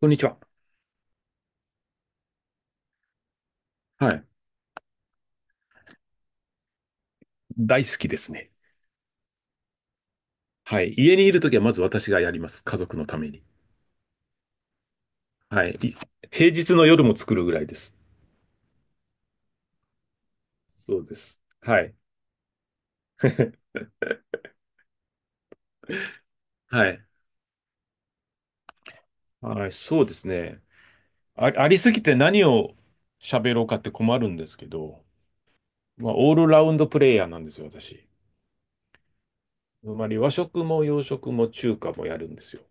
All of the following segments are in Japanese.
こんにちは。はい。大好きですね。はい。家にいるときはまず私がやります。家族のために。はい。平日の夜も作るぐらいです。そうです。はい。はい。はい、そうですね。あ、ありすぎて何を喋ろうかって困るんですけど、まあ、オールラウンドプレイヤーなんですよ、私。つまり和食も洋食も中華もやるんですよ。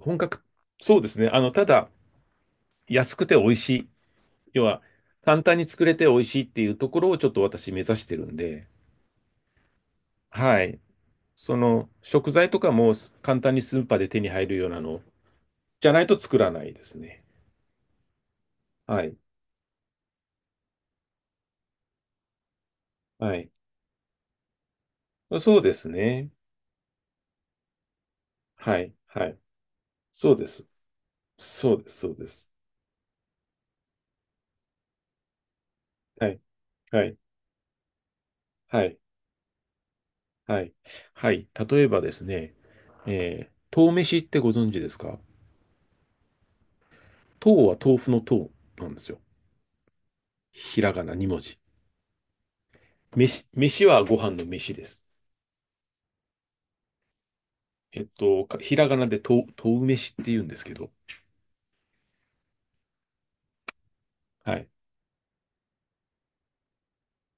本格、そうですね。ただ、安くて美味しい。要は、簡単に作れて美味しいっていうところをちょっと私目指してるんで、はい。その食材とかも簡単にスーパーで手に入るようなのじゃないと作らないですね。はい。はい。そうですね。はい。はい。そうです。そうです。そうです。はい。はい。はい。はい。はい。例えばですね、豆飯ってご存知ですか？豆は豆腐の豆なんですよ。ひらがな2文字。飯、飯はご飯の飯です。ひらがなで豆飯って言うんですけど、はい。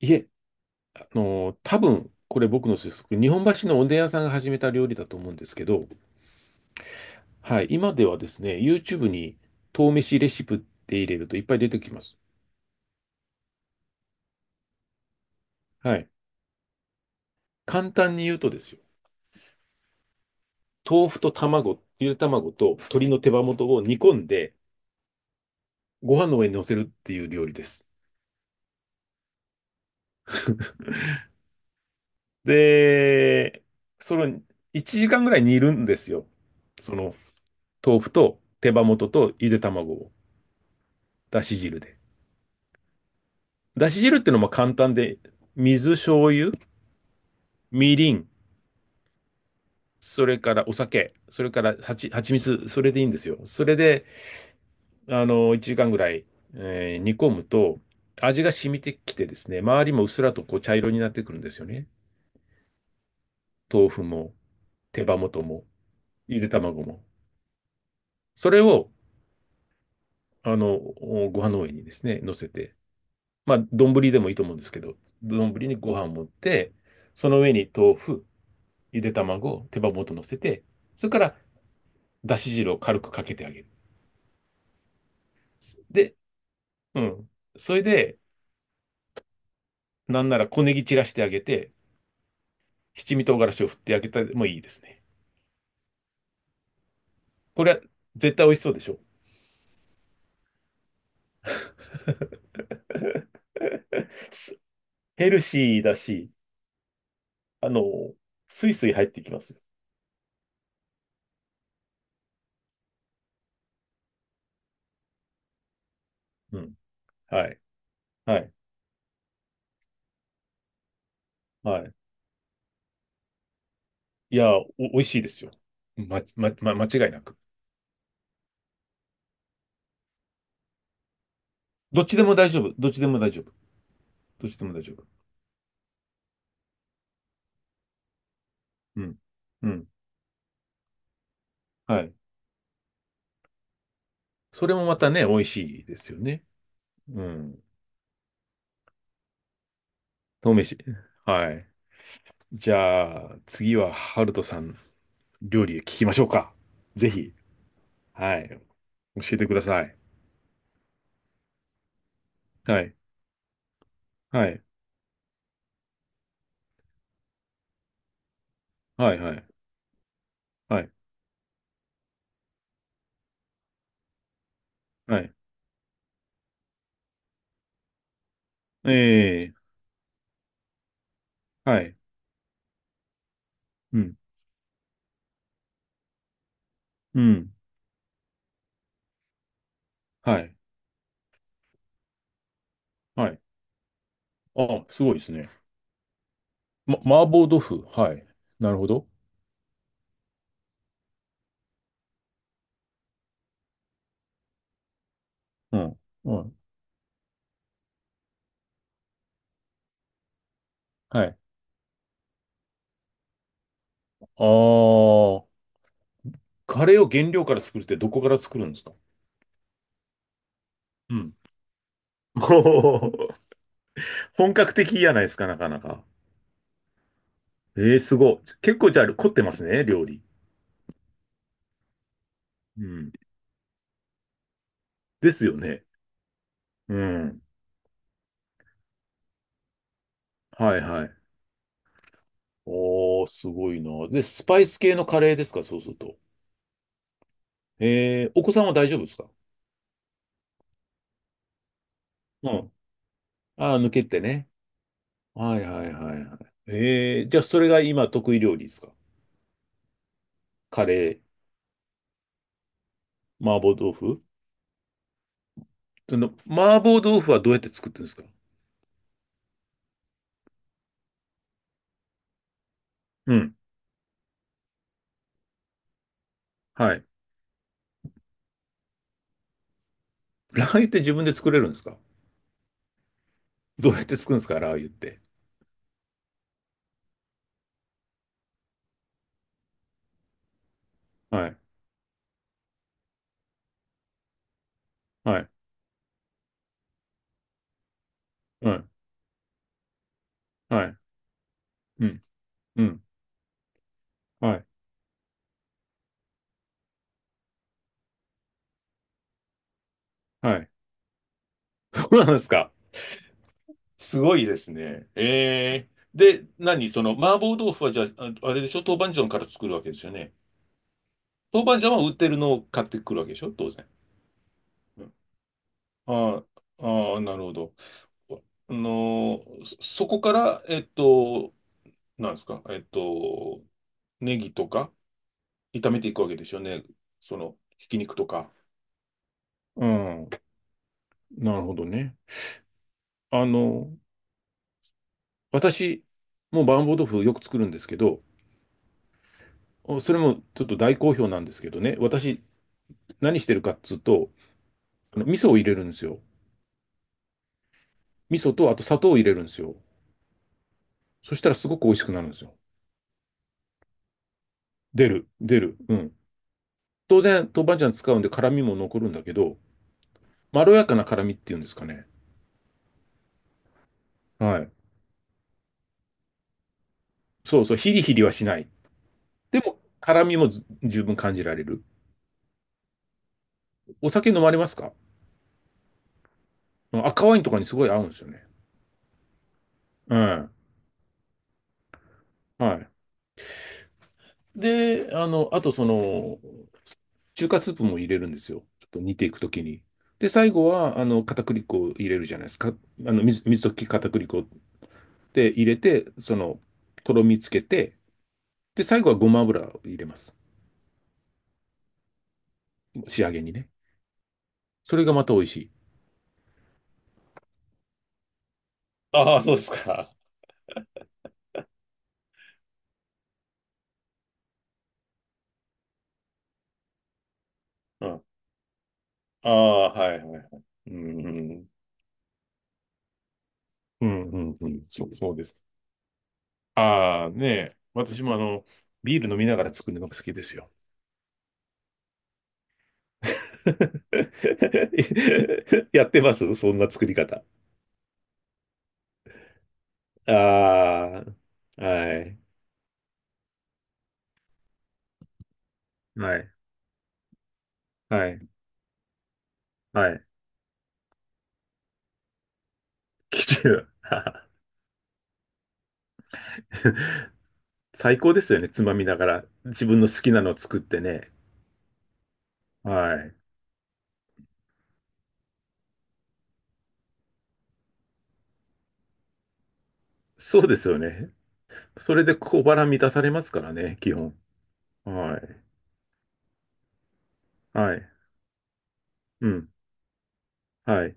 いえ、多分、これ僕の推測、日本橋のおでん屋さんが始めた料理だと思うんですけど、はい、今ではですね、YouTube に豆飯レシピって入れるといっぱい出てきます。はい。簡単に言うとですよ、豆腐と卵、ゆで卵と鶏の手羽元を煮込んで、ご飯の上に乗せるっていう料理です。で、それを1時間ぐらい煮るんですよ。その豆腐と手羽元とゆで卵を、だし汁で。だし汁っていうのも簡単で、水、醤油、みりん、それからお酒、それから蜂蜜、それでいいんですよ。それで、1時間ぐらい、煮込むと、味が染みてきてですね、周りもうっすらとこう茶色になってくるんですよね。豆腐も、手羽元も、ゆで卵も。それを、あの、ご飯の上にですね、乗せて、まあ、丼でもいいと思うんですけど、丼にご飯を盛って、その上に豆腐、ゆで卵、手羽元乗せて、それから、だし汁を軽くかけてあげる。で、うん。それで、なんなら小ネギ散らしてあげて、七味唐辛子を振ってあげてもいいですね。これは絶対美味しそうでしょ？すヘルシーだし、あの、スイスイ入ってきますよ。うん。はい。はい。はい。いや、美味しいですよ。間違いなく。どっちでも大丈夫。どっちでも大丈夫。どっちでも大丈夫。うん。うん。はい。それもまたね、美味しいですよね。うん。豆飯。はい。じゃあ、次は、ハルトさん。料理聞きましょうか？ぜひ。はい。教えてください。はい。はい。はい。はい。はい。はい。ええ、はい。うん。うん。はい。はい。あ、すごいですね。麻婆豆腐。はい。なるほど。うん。うん。はい。あー、カレーを原料から作るってどこから作るんですか？うん。おー、本格的じゃないですか、なかなか。ええ、すごい。結構じゃあ凝ってますね、料理。うん。ですよね。うん。はいはい。おー、すごいな。で、スパイス系のカレーですか、そうすると。お子さんは大丈夫ですか？うん。ああ、抜けてね。はいはいはいはい。じゃあそれが今得意料理ですか？カレー、麻婆豆腐。麻婆豆腐はどうやって作ってるんですか？うん。はい。ラー油って自分で作れるんですか？どうやって作るんですかラー油って。はい。はい。うん。はい。うん。うん。はい。はい。どうなんですか？すごいですね。ええ、で、何その、麻婆豆腐はじゃあ、あれでしょ、豆板醤から作るわけですよね。豆板醤は売ってるのを買ってくるわけでしょ、当然。うん。ああ、ああ、なるほど。そこから、なんですか、ネギとか炒めていくわけでしょうね。その、ひき肉とか。うん、なるほどね。あの、私、もう麻婆豆腐よく作るんですけど、それもちょっと大好評なんですけどね、私、何してるかっつうと、味噌を入れるんですよ。味噌と、あと砂糖を入れるんですよ。そしたらすごく美味しくなるんですよ。出る、出る。うん。当然、豆板醤使うんで辛みも残るんだけど、まろやかな辛みっていうんですかね。はい。そうそう、ヒリヒリはしない。でも、辛みもず十分感じられる。お酒飲まれますか？うん。赤ワインとかにすごい合うんですよね。うん。はい。で、あと中華スープも入れるんですよ。ちょっと煮ていくときに。で、最後は、片栗粉を入れるじゃないですか。水溶き片栗粉で入れて、とろみつけて、で、最後はごま油を入れます。仕上げにね。それがまた美味しい。ああ、そうですか。うん。ああ、はいはいはい。うん。うんうんうん。そう、そうです。ああ、ねえ。私もビール飲みながら作るのが好きですよ。やってますそんな作り方。ああ、はい、はい。はい。はい。きちゅう。最高ですよね。つまみながら。自分の好きなのを作ってね。はい。そうですよね。それで小腹満たされますからね、基本。はい。はい。うん。はい。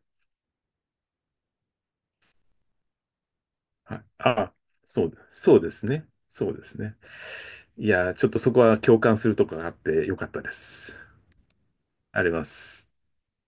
はい。あ、そう、そうですね。そうですね。いやー、ちょっとそこは共感するとこがあってよかったです。あります。